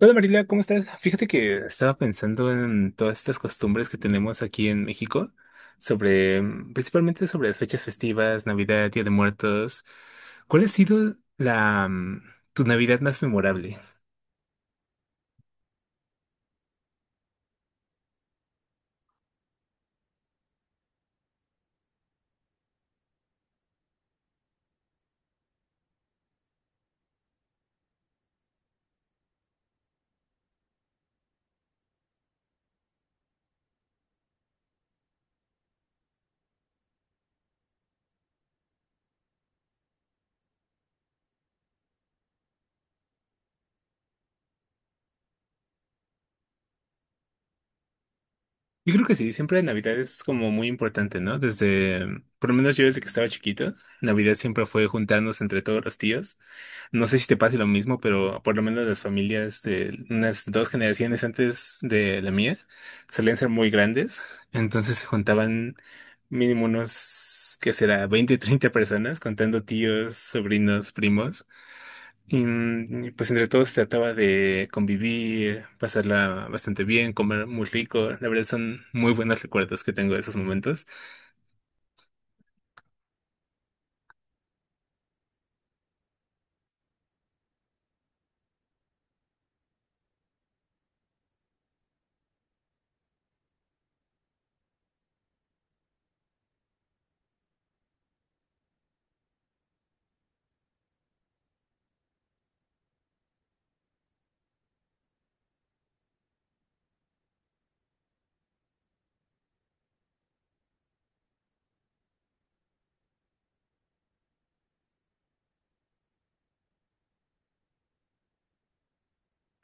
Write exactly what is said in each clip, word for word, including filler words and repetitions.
Hola Marilia, ¿cómo estás? Fíjate que estaba pensando en todas estas costumbres que tenemos aquí en México, sobre, mm, principalmente sobre las fechas festivas, Navidad, Día de Muertos. ¿Cuál ha sido la, mm, tu Navidad más memorable? Yo creo que sí, siempre Navidad es como muy importante, ¿no? Desde, mm, por lo menos yo desde que estaba chiquito, Navidad siempre fue juntarnos entre todos los tíos. No sé si te pase lo mismo, pero por lo menos las familias de unas dos generaciones antes de la mía solían ser muy grandes, entonces se juntaban mínimo unos, ¿qué será? veinte, treinta personas, contando tíos, sobrinos, primos. Y mm, y, pues entre todos se trataba de convivir, pasarla bastante bien, comer muy rico. La verdad son muy buenos recuerdos que tengo de esos momentos.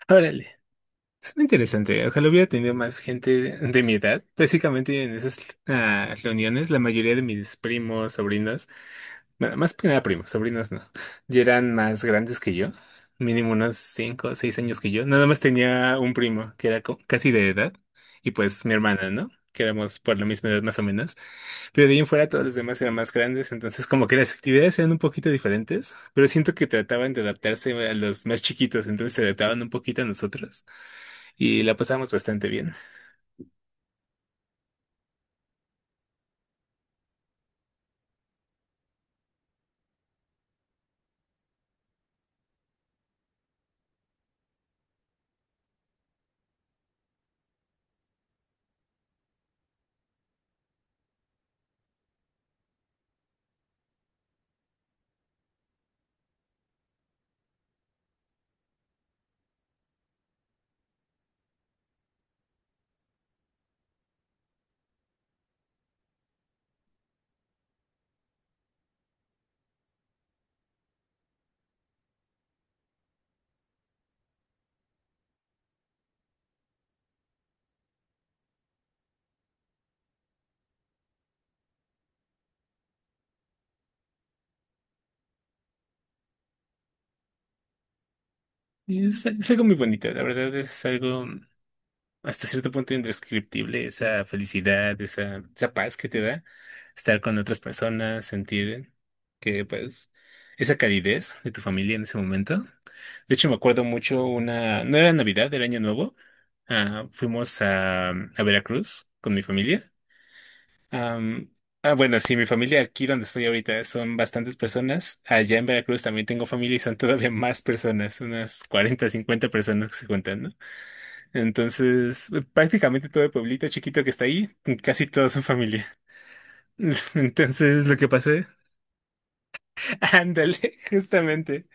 Órale, suena interesante. Ojalá hubiera tenido más gente de mi edad. Básicamente en esas ah, reuniones, la mayoría de mis primos, sobrinos, ma- más que nada primos, sobrinos no, ya eran más grandes que yo, mínimo unos cinco o seis años que yo. Nada más tenía un primo que era co- casi de edad y pues mi hermana, ¿no? Que éramos por la misma edad más o menos. Pero de ahí en fuera todos los demás eran más grandes, entonces como que las actividades eran un poquito diferentes, pero siento que trataban de adaptarse a los más chiquitos, entonces se adaptaban un poquito a nosotros y la pasábamos bastante bien. Y es, es algo muy bonito, la verdad es algo, hasta cierto punto indescriptible esa felicidad, esa, esa paz que te da estar con otras personas, sentir que pues esa calidez de tu familia en ese momento. De hecho, me acuerdo mucho una, no era Navidad, era Año Nuevo. ah, fuimos a, a Veracruz con mi familia. Am, ah, bueno, sí, mi familia aquí donde estoy ahorita son bastantes personas. Allá en Veracruz también tengo familia y son todavía más personas, unas cuarenta cincuenta personas que se cuentan, ¿no? Entonces, prácticamente todo el pueblito chiquito que está ahí, casi todos son familia. Entonces, lo que pasé, ándale, justamente.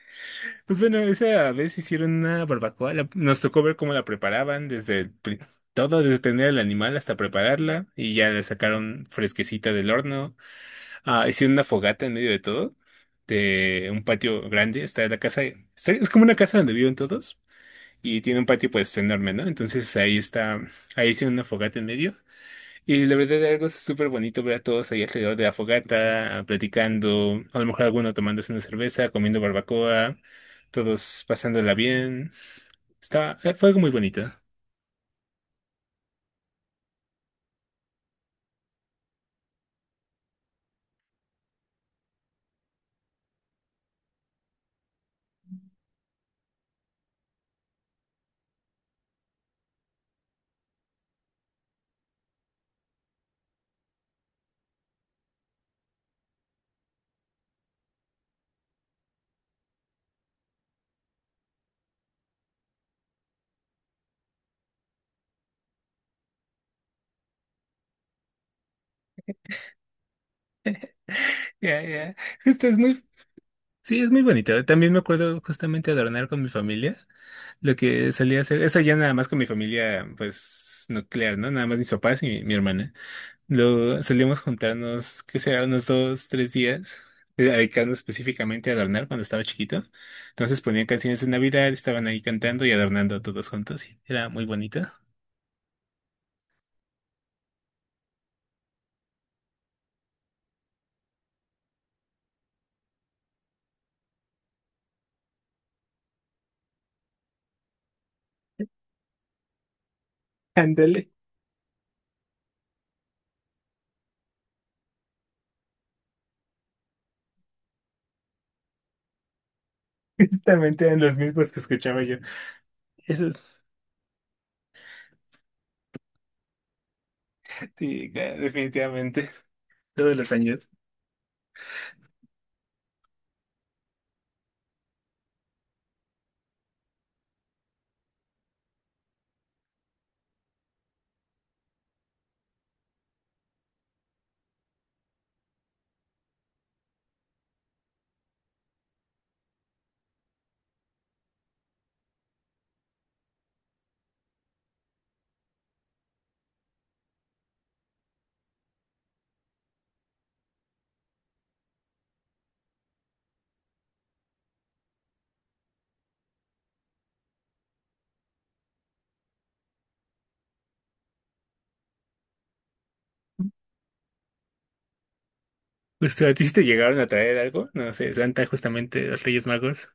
Pues bueno, esa vez hicieron una barbacoa, la- nos tocó ver cómo la preparaban, desde el pri- todo, desde tener el animal hasta prepararla, y ya la sacaron fresquecita del horno. Ah, hicieron una fogata en medio de todo, de un patio grande, está la casa, está- es como una casa donde viven todos, y tiene un patio pues enorme, ¿no? Entonces ahí está, ahí hicieron una fogata en medio. Y la verdad algo es súper bonito ver a todos ahí alrededor de la fogata, ah, platicando, a lo mejor alguno tomándose una cerveza, comiendo barbacoa, todos pasándola bien. Estaba, eh, fue algo muy bonito. Ya, ya. Esto es muy, sí, es muy bonito. También me acuerdo justamente adornar con mi familia, lo que solía hacer, eso ya nada más con mi familia, pues, nuclear, ¿no? Nada más mis papás y mi, mi hermana. Lo solíamos juntarnos, que será? Unos dos, tres días, eh, dedicando específicamente a adornar cuando estaba chiquito. Entonces ponían canciones de Navidad, estaban ahí cantando y adornando todos juntos, y era muy bonito. Ándale, justamente eran los mismos que escuchaba yo. Esos, sí, claro, definitivamente, todos los años. Justo, ¿a ti sí te llegaron a traer algo? No sé, Santa, justamente, los Reyes Magos.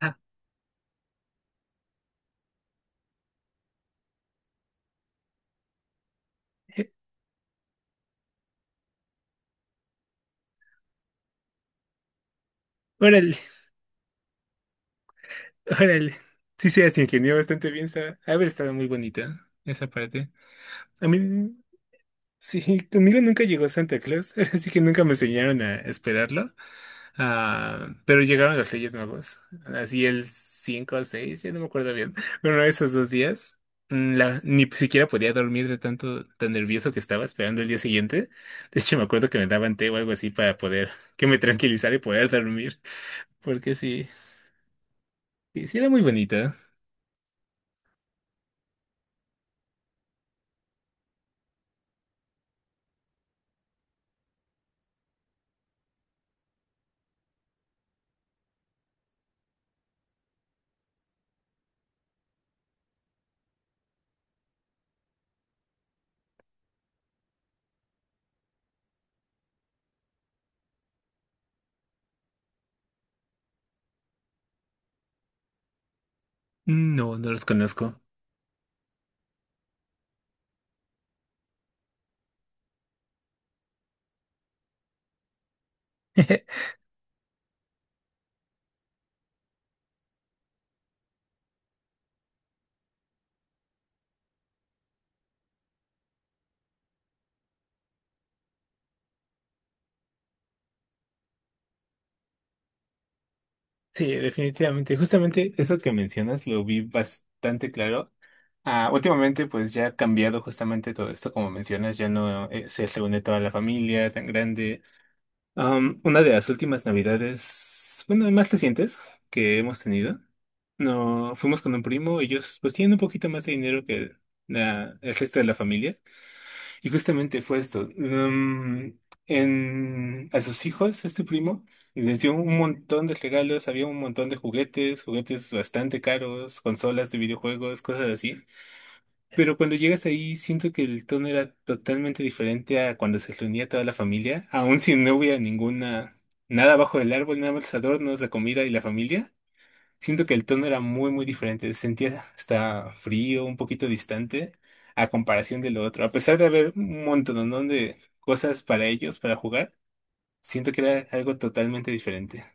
Ah, eh, Órale, órale. Sí, se las ingenió bastante bien, ha haber estado muy bonita esa parte. A mí. Sí, conmigo nunca llegó Santa Claus, así que nunca me enseñaron a esperarlo. Ah, pero llegaron los Reyes Magos, así el cinco o seis, ya no me acuerdo bien. Bueno, esos dos días, mm, la- ni siquiera podía dormir de tanto, tan nervioso que estaba esperando el día siguiente. De hecho, me acuerdo que me daban té o algo así para poder, que me tranquilizara y poder dormir, porque sí, sí sí era muy bonita. No, no los conozco. Sí, definitivamente. Justamente eso que mencionas lo vi bastante claro. Ah, últimamente, pues ya ha cambiado justamente todo esto, como mencionas, ya no eh, se reúne toda la familia tan grande. Am, una de las últimas navidades, bueno, más recientes que hemos tenido, no fuimos con un primo, ellos pues tienen un poquito más de dinero que la, el resto de la familia. Y justamente fue esto. Mm, en, a sus hijos, este primo, les dio un montón de regalos, había un montón de juguetes, juguetes bastante caros, consolas de videojuegos, cosas así. Pero cuando llegas ahí, siento que el tono era totalmente diferente a cuando se reunía toda la familia, aun si no hubiera ninguna, nada bajo el árbol, nada más los adornos, la comida y la familia. Siento que el tono era muy, muy diferente. Se sentía hasta frío, un poquito distante a comparación de lo otro. A pesar de haber un montón, ¿no? De cosas para ellos, para jugar, siento que era algo totalmente diferente.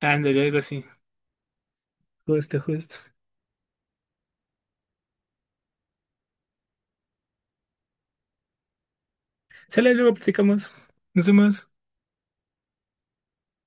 Ándale, algo así. Justo, justo. Sale, luego platicamos. Nos vemos.